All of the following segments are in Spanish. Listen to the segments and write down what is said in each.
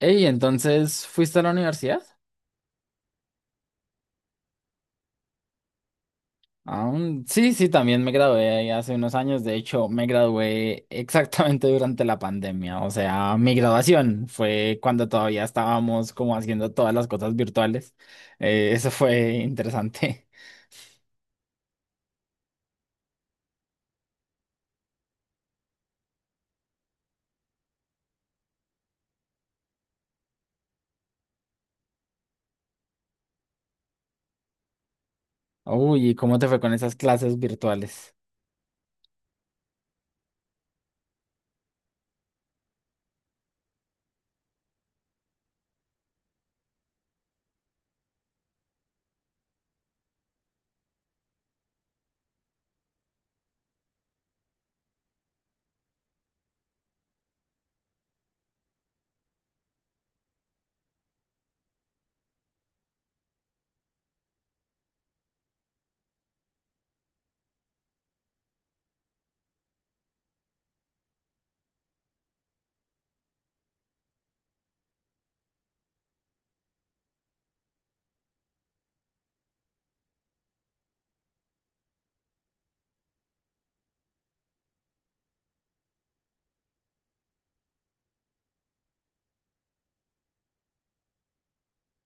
Ey, entonces, ¿fuiste a la universidad? Sí, sí, también me gradué ahí hace unos años. De hecho, me gradué exactamente durante la pandemia. O sea, mi graduación fue cuando todavía estábamos como haciendo todas las cosas virtuales. Eso fue interesante. Uy, ¿y cómo te fue con esas clases virtuales?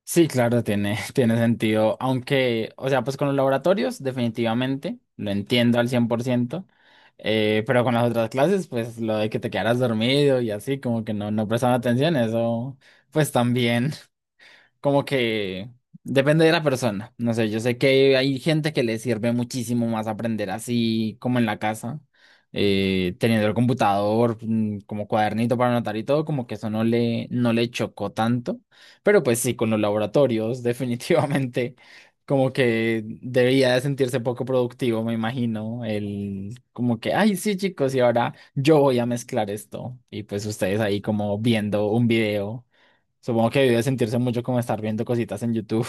Sí, claro, tiene, tiene sentido. Aunque, o sea, pues con los laboratorios, definitivamente, lo entiendo al 100%. Pero con las otras clases, pues lo de que te quedaras dormido y así, como que no, no prestaban atención, eso, pues también como que depende de la persona. No sé, yo sé que hay gente que le sirve muchísimo más aprender así como en la casa, teniendo el computador, mm, como cuadernito para anotar y todo, como que eso no le, no le chocó tanto. Pero pues sí, con los laboratorios, definitivamente. Como que debería de sentirse poco productivo, me imagino. El como que, ay, sí, chicos, y ahora yo voy a mezclar esto. Y pues ustedes ahí como viendo un video. Supongo que debe sentirse mucho como estar viendo cositas en YouTube.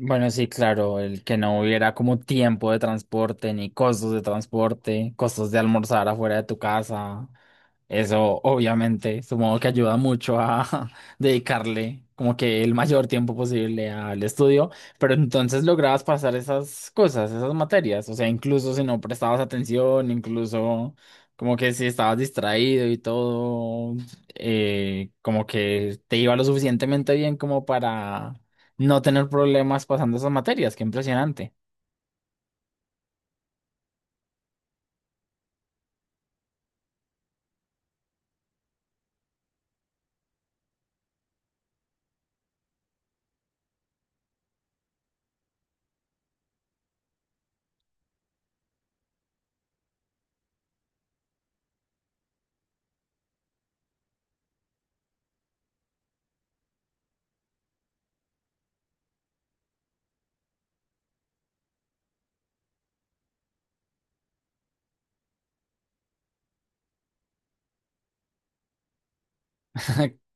Bueno, sí, claro, el que no hubiera como tiempo de transporte, ni costos de transporte, costos de almorzar afuera de tu casa. Eso obviamente, supongo que ayuda mucho a dedicarle como que el mayor tiempo posible al estudio, pero entonces lograbas pasar esas cosas, esas materias, o sea, incluso si no prestabas atención, incluso como que si estabas distraído y todo, como que te iba lo suficientemente bien como para no tener problemas pasando esas materias, qué impresionante.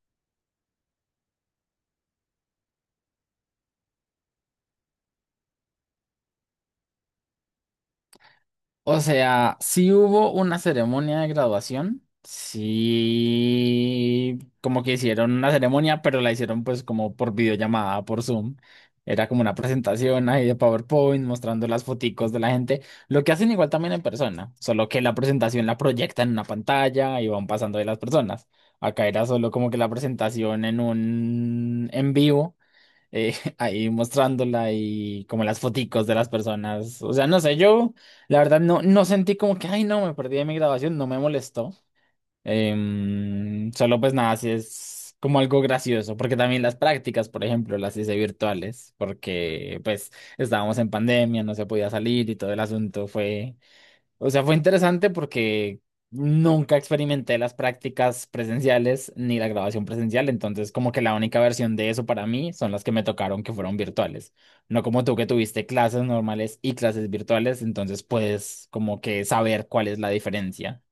O sea, sí hubo una ceremonia de graduación, sí, como que hicieron una ceremonia, pero la hicieron pues como por videollamada, por Zoom. Era como una presentación ahí de PowerPoint mostrando las foticos de la gente, lo que hacen igual también en persona, solo que la presentación la proyectan en una pantalla y van pasando de las personas. Acá era solo como que la presentación en un en vivo ahí mostrándola y como las foticos de las personas. O sea, no sé, yo la verdad no, no sentí como que, ay, no, me perdí de mi grabación, no me molestó. Solo pues nada, si es como algo gracioso, porque también las prácticas, por ejemplo, las hice virtuales, porque pues estábamos en pandemia, no se podía salir y todo el asunto fue o sea, fue interesante porque nunca experimenté las prácticas presenciales ni la grabación presencial, entonces como que la única versión de eso para mí son las que me tocaron que fueron virtuales. No como tú que tuviste clases normales y clases virtuales, entonces puedes como que saber cuál es la diferencia.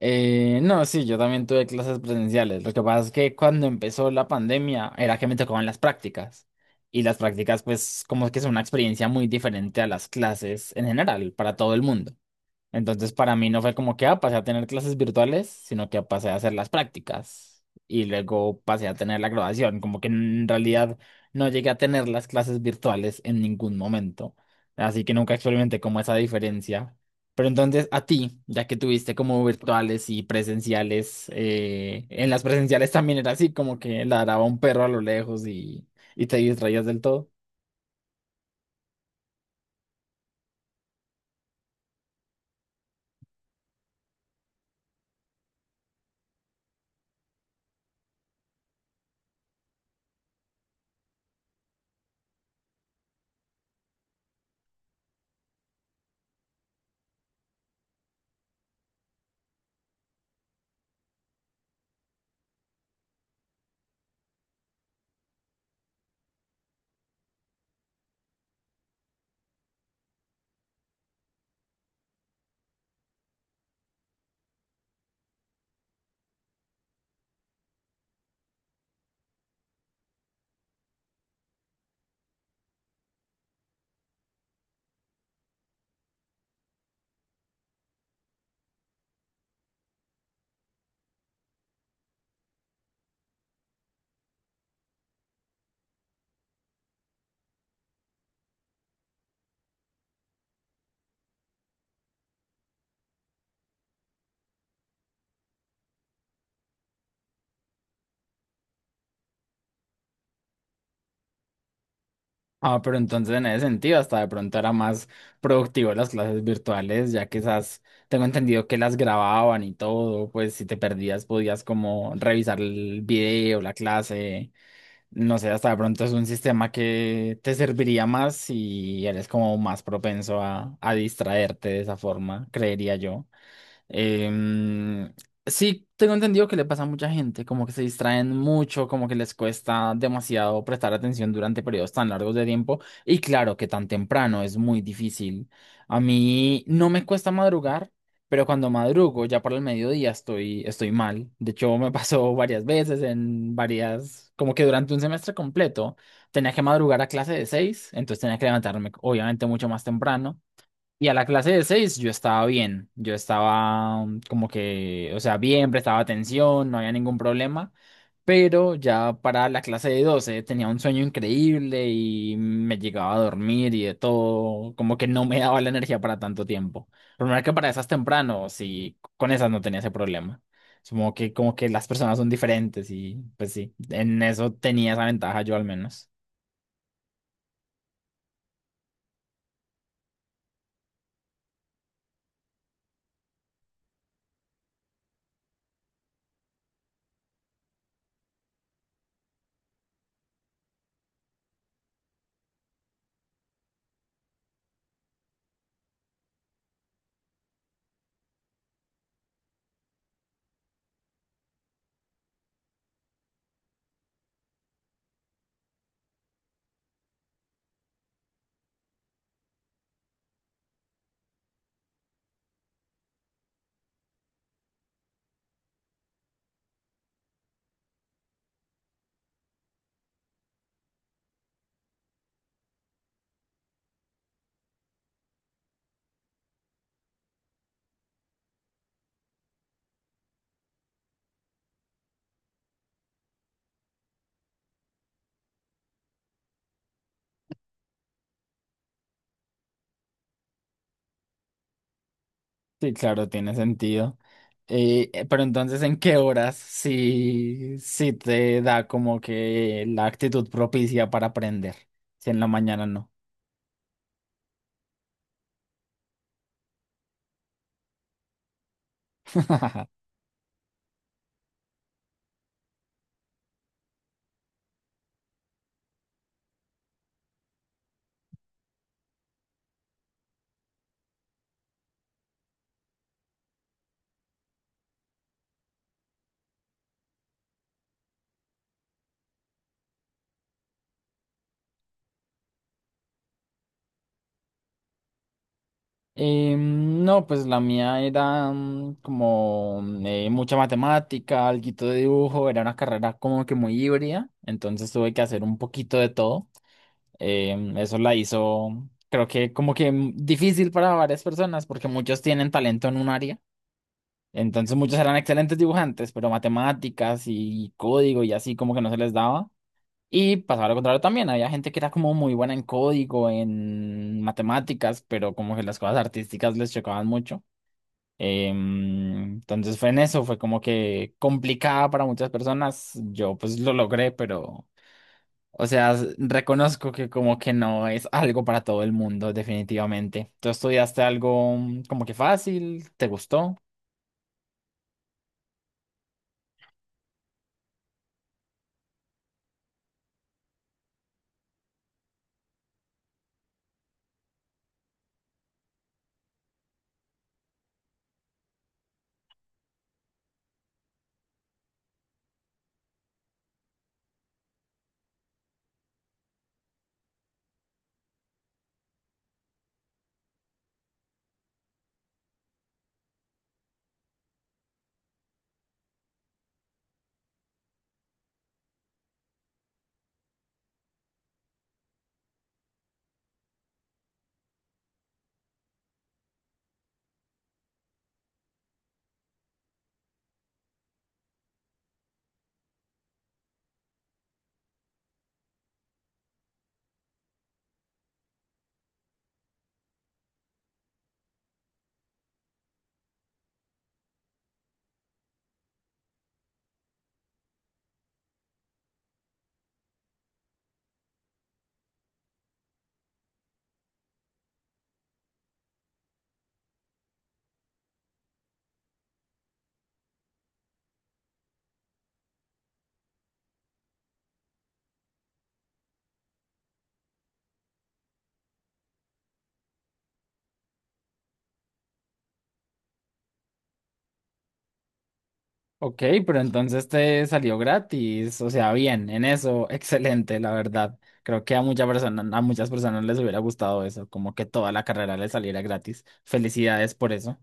No, sí, yo también tuve clases presenciales. Lo que pasa es que cuando empezó la pandemia era que me tocaban las prácticas. Y las prácticas, pues, como que son una experiencia muy diferente a las clases en general, para todo el mundo. Entonces, para mí no fue como que, ah, pasé a tener clases virtuales, sino que pasé a hacer las prácticas y luego pasé a tener la graduación. Como que en realidad no llegué a tener las clases virtuales en ningún momento. Así que nunca experimenté como esa diferencia. Pero entonces, a ti, ya que tuviste como virtuales y presenciales, en las presenciales también era así, como que ladraba un perro a lo lejos y te distraías del todo. Ah, pero entonces en ese sentido hasta de pronto era más productivo las clases virtuales, ya que esas, tengo entendido que las grababan y todo, pues si te perdías podías como revisar el video, la clase, no sé, hasta de pronto es un sistema que te serviría más y eres como más propenso a distraerte de esa forma, creería yo. Em, sí, tengo entendido que le pasa a mucha gente, como que se distraen mucho, como que les cuesta demasiado prestar atención durante periodos tan largos de tiempo. Y claro que tan temprano es muy difícil. A mí no me cuesta madrugar, pero cuando madrugo ya para el mediodía estoy, estoy mal. De hecho, me pasó varias veces en varias, como que durante un semestre completo tenía que madrugar a clase de seis, entonces tenía que levantarme obviamente mucho más temprano. Y a la clase de seis yo estaba bien, yo estaba mm, como que, o sea, bien, prestaba atención, no había ningún problema, pero ya para la clase de 12 tenía un sueño increíble y me llegaba a dormir y de todo, como que no me daba la energía para tanto tiempo. Pero mira que para esas temprano, sí, con esas no tenía ese problema. Supongo que como que las personas son diferentes y pues sí, en eso tenía esa ventaja yo al menos. Sí, claro, tiene sentido. Pero entonces, ¿en qué horas sí, sí te da como que la actitud propicia para aprender? Si en la mañana no. No, pues la mía era mm, como mm, mucha matemática, alguito de dibujo, era una carrera como que muy híbrida, entonces tuve que hacer un poquito de todo. Eso la hizo, creo que como que mm, difícil para varias personas porque muchos tienen talento en un área. Entonces muchos eran excelentes dibujantes, pero matemáticas y código y así como que no se les daba. Y pasaba lo contrario también, había gente que era como muy buena en código, en matemáticas, pero como que las cosas artísticas les chocaban mucho. Entonces fue en eso, fue como que complicada para muchas personas. Yo pues lo logré, pero, o sea, reconozco que como que no es algo para todo el mundo, definitivamente. ¿Tú estudiaste algo mm, como que fácil? ¿Te gustó? Ok, pero entonces te salió gratis, o sea, bien, en eso, excelente, la verdad. Creo que a muchas personas les hubiera gustado eso, como que toda la carrera les saliera gratis. Felicidades por eso.